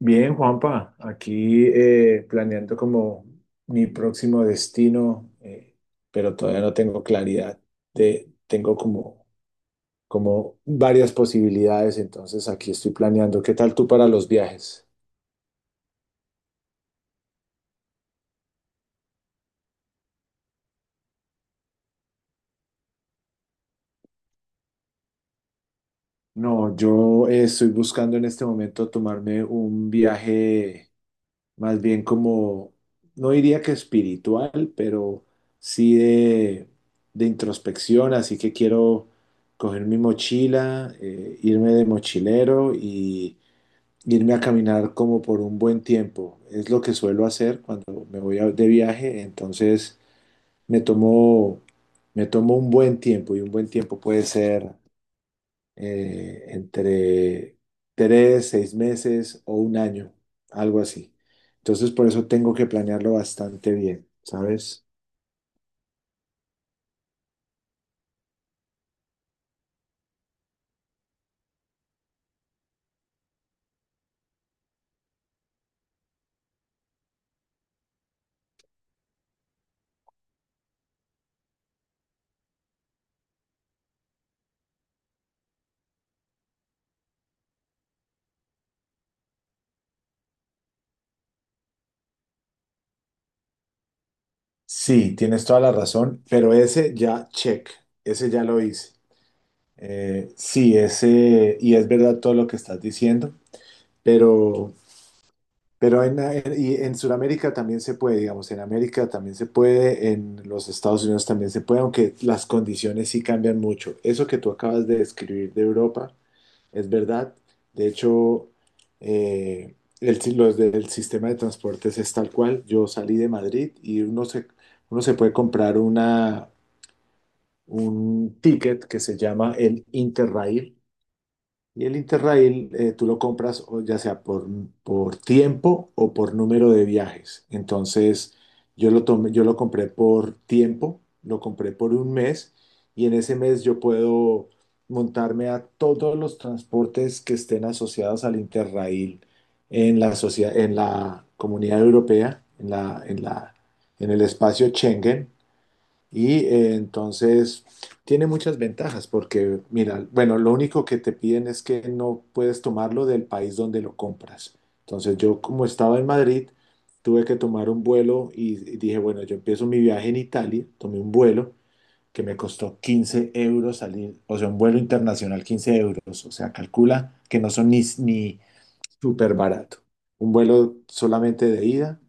Bien, Juanpa, aquí planeando como mi próximo destino, pero todavía no tengo claridad de, tengo como, como varias posibilidades, entonces aquí estoy planeando. ¿Qué tal tú para los viajes? No, yo estoy buscando en este momento tomarme un viaje más bien como, no diría que espiritual, pero sí de introspección, así que quiero coger mi mochila, irme de mochilero y irme a caminar como por un buen tiempo. Es lo que suelo hacer cuando de viaje, entonces me tomo, me tomo un buen tiempo y un buen tiempo puede ser entre tres, seis meses o un año, algo así. Entonces, por eso tengo que planearlo bastante bien, ¿sabes? Sí, tienes toda la razón, pero ese ya check, ese ya lo hice. Sí, ese, y es verdad todo lo que estás diciendo, pero, y en Sudamérica también se puede, digamos, en América también se puede, en los Estados Unidos también se puede, aunque las condiciones sí cambian mucho. Eso que tú acabas de describir de Europa, es verdad. De hecho, el, si- los del sistema de transportes es tal cual. Yo salí de Madrid y uno se puede comprar un ticket que se llama el Interrail, y el Interrail tú lo compras o ya sea por tiempo o por número de viajes. Entonces yo lo compré por tiempo, lo compré por un mes y en ese mes yo puedo montarme a todos los transportes que estén asociados al Interrail en la sociedad, en la Comunidad Europea, en el espacio Schengen. Y entonces tiene muchas ventajas porque, mira, bueno, lo único que te piden es que no puedes tomarlo del país donde lo compras. Entonces yo como estaba en Madrid, tuve que tomar un vuelo y dije, bueno, yo empiezo mi viaje en Italia, tomé un vuelo que me costó 15 euros salir, o sea, un vuelo internacional 15 euros, o sea, calcula que no son ni, ni súper barato. Un vuelo solamente de ida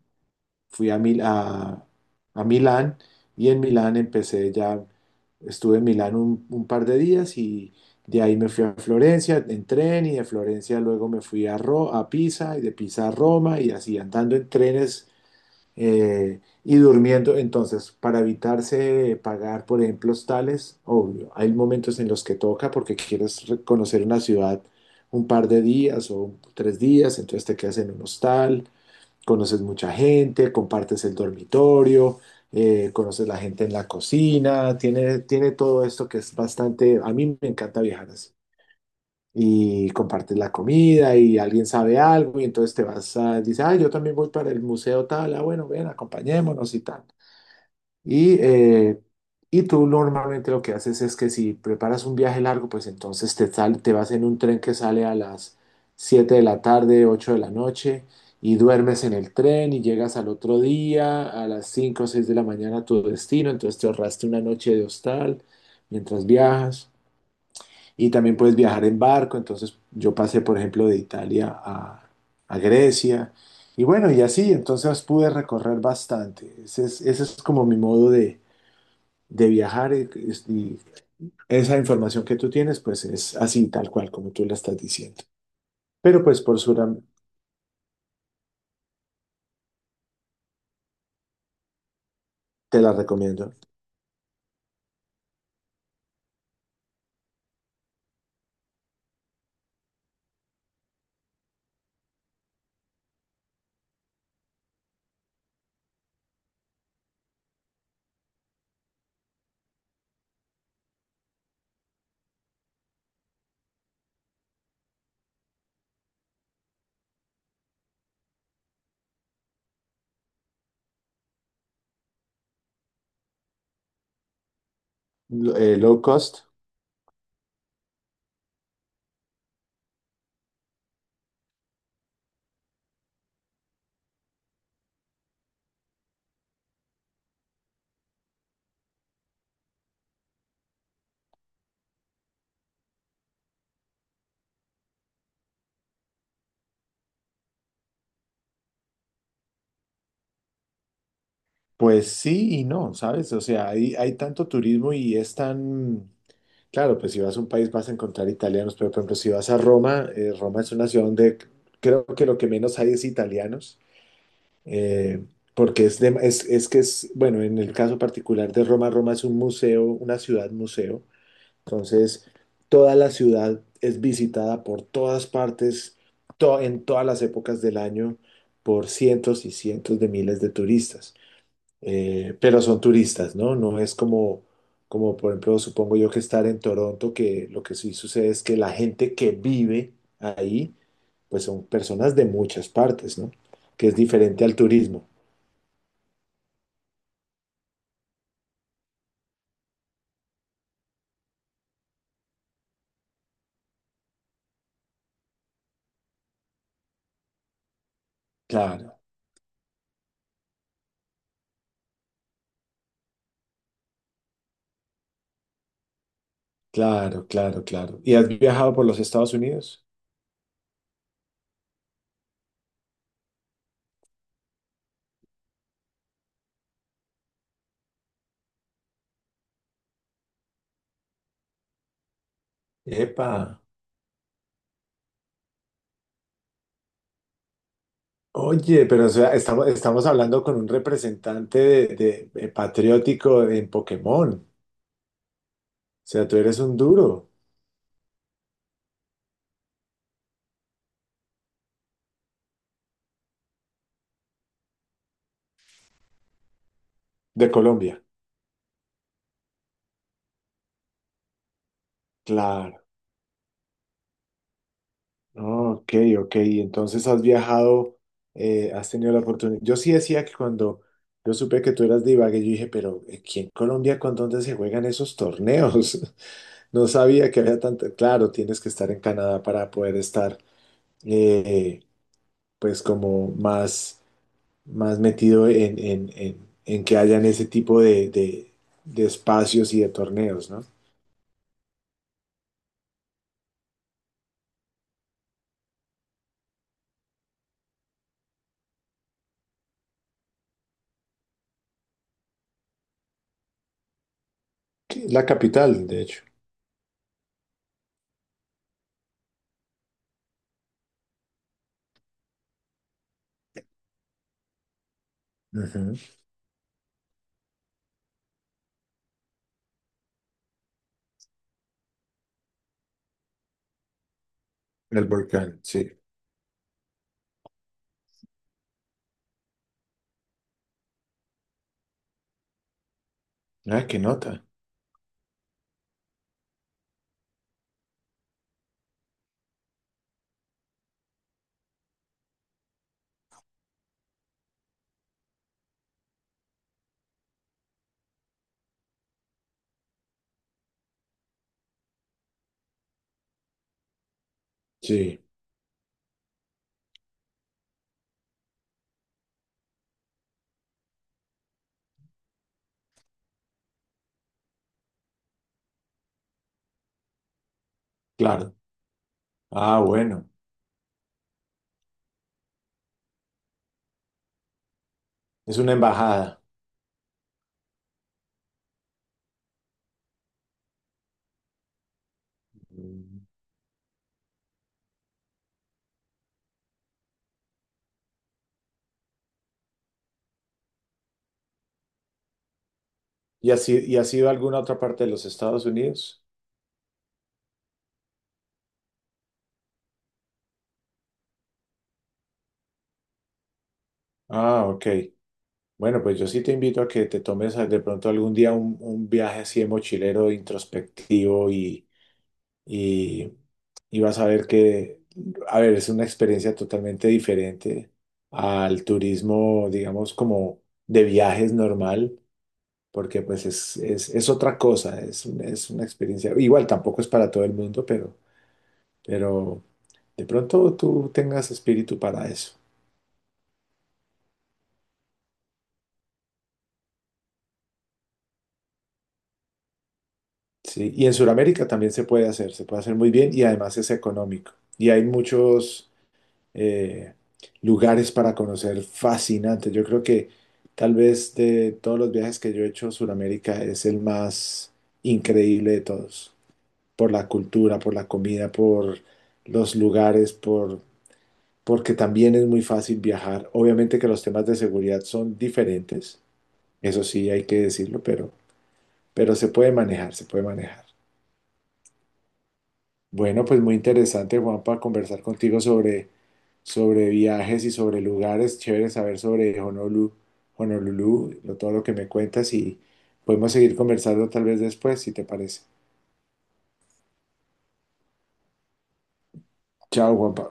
fui a Milán y en Milán empecé ya, estuve en Milán un par de días y de ahí me fui a Florencia en tren y de Florencia luego me fui a Pisa y de Pisa a Roma y así andando en trenes y durmiendo. Entonces, para evitarse pagar, por ejemplo, hostales, obvio, hay momentos en los que toca porque quieres conocer una ciudad un par de días o tres días, entonces te quedas en un hostal, conoces mucha gente, compartes el dormitorio, conoces la gente en la cocina, tiene todo esto que es bastante, a mí me encanta viajar así. Y compartes la comida y alguien sabe algo y entonces te vas a, dice, ah, yo también voy para el museo tal, ah, bueno, ven, acompañémonos y tal. Y, eh, y tú normalmente lo que haces es que si preparas un viaje largo, pues entonces te vas en un tren que sale a las 7 de la tarde, 8 de la noche, y duermes en el tren y llegas al otro día a las 5 o 6 de la mañana a tu destino, entonces te ahorraste una noche de hostal mientras viajas. Y también puedes viajar en barco, entonces yo pasé, por ejemplo, de Italia a Grecia. Y bueno, y así, entonces pude recorrer bastante. Ese es como mi modo de viajar, y esa información que tú tienes, pues es así, tal cual, como tú la estás diciendo. Pero pues por Suram, te la recomiendo. Low cost, pues sí y no, ¿sabes? O sea, hay tanto turismo y es tan... Claro, pues si vas a un país vas a encontrar italianos, pero por ejemplo, si vas a Roma, Roma es una ciudad donde creo que lo que menos hay es italianos. eh, porque es que es, bueno, en el caso particular de Roma, Roma es un museo, una ciudad museo. Entonces, toda la ciudad es visitada por todas partes, en todas las épocas del año, por cientos y cientos de miles de turistas. Pero son turistas, ¿no? No es como, como, por ejemplo, supongo yo que estar en Toronto, que lo que sí sucede es que la gente que vive ahí, pues son personas de muchas partes, ¿no? Que es diferente al turismo. Claro, claro, claro, claro. ¿Y has viajado por los Estados Unidos? Epa. Oye, pero o sea, estamos, estamos hablando con un representante patriótico en Pokémon. O sea, tú eres un duro de Colombia. Claro. Ah, ok, ok. Y entonces has viajado, has tenido la oportunidad. Yo sí decía que cuando yo supe que tú eras de Ibagué, yo dije, pero ¿aquí en Colombia con dónde se juegan esos torneos? No sabía que había tanto. Claro, tienes que estar en Canadá para poder estar, eh, pues, como más, más metido en que hayan ese tipo de, de espacios y de torneos, ¿no? Sí, la capital, de hecho. Ujú. El volcán, sí. Ah, qué nota. Sí, claro. Ah, bueno. Es una embajada. Mm. ¿Y y has ido a alguna otra parte de los Estados Unidos? Ah, ok. Bueno, pues yo sí te invito a que te tomes de pronto algún día un viaje así de mochilero introspectivo y, y vas a ver que, a ver, es una experiencia totalmente diferente al turismo, digamos, como de viajes normal, porque pues es otra cosa, es, es una experiencia, igual tampoco es para todo el mundo, pero de pronto tú tengas espíritu para eso. Sí, y en Sudamérica también se puede hacer muy bien y además es económico. Y hay muchos eh, lugares para conocer fascinantes. Yo creo que tal vez de todos los viajes que yo he hecho, Sudamérica es el más increíble de todos, por la cultura, por la comida, por los lugares, por, porque también es muy fácil viajar. Obviamente que los temas de seguridad son diferentes, eso sí hay que decirlo, pero se puede manejar, se puede manejar. Bueno, pues muy interesante, Juanpa, conversar contigo sobre, sobre viajes y sobre lugares. Chévere saber sobre Honolulu, Honolulu, todo lo que me cuentas y podemos seguir conversando tal vez después, si te parece. Chao, Juanpa.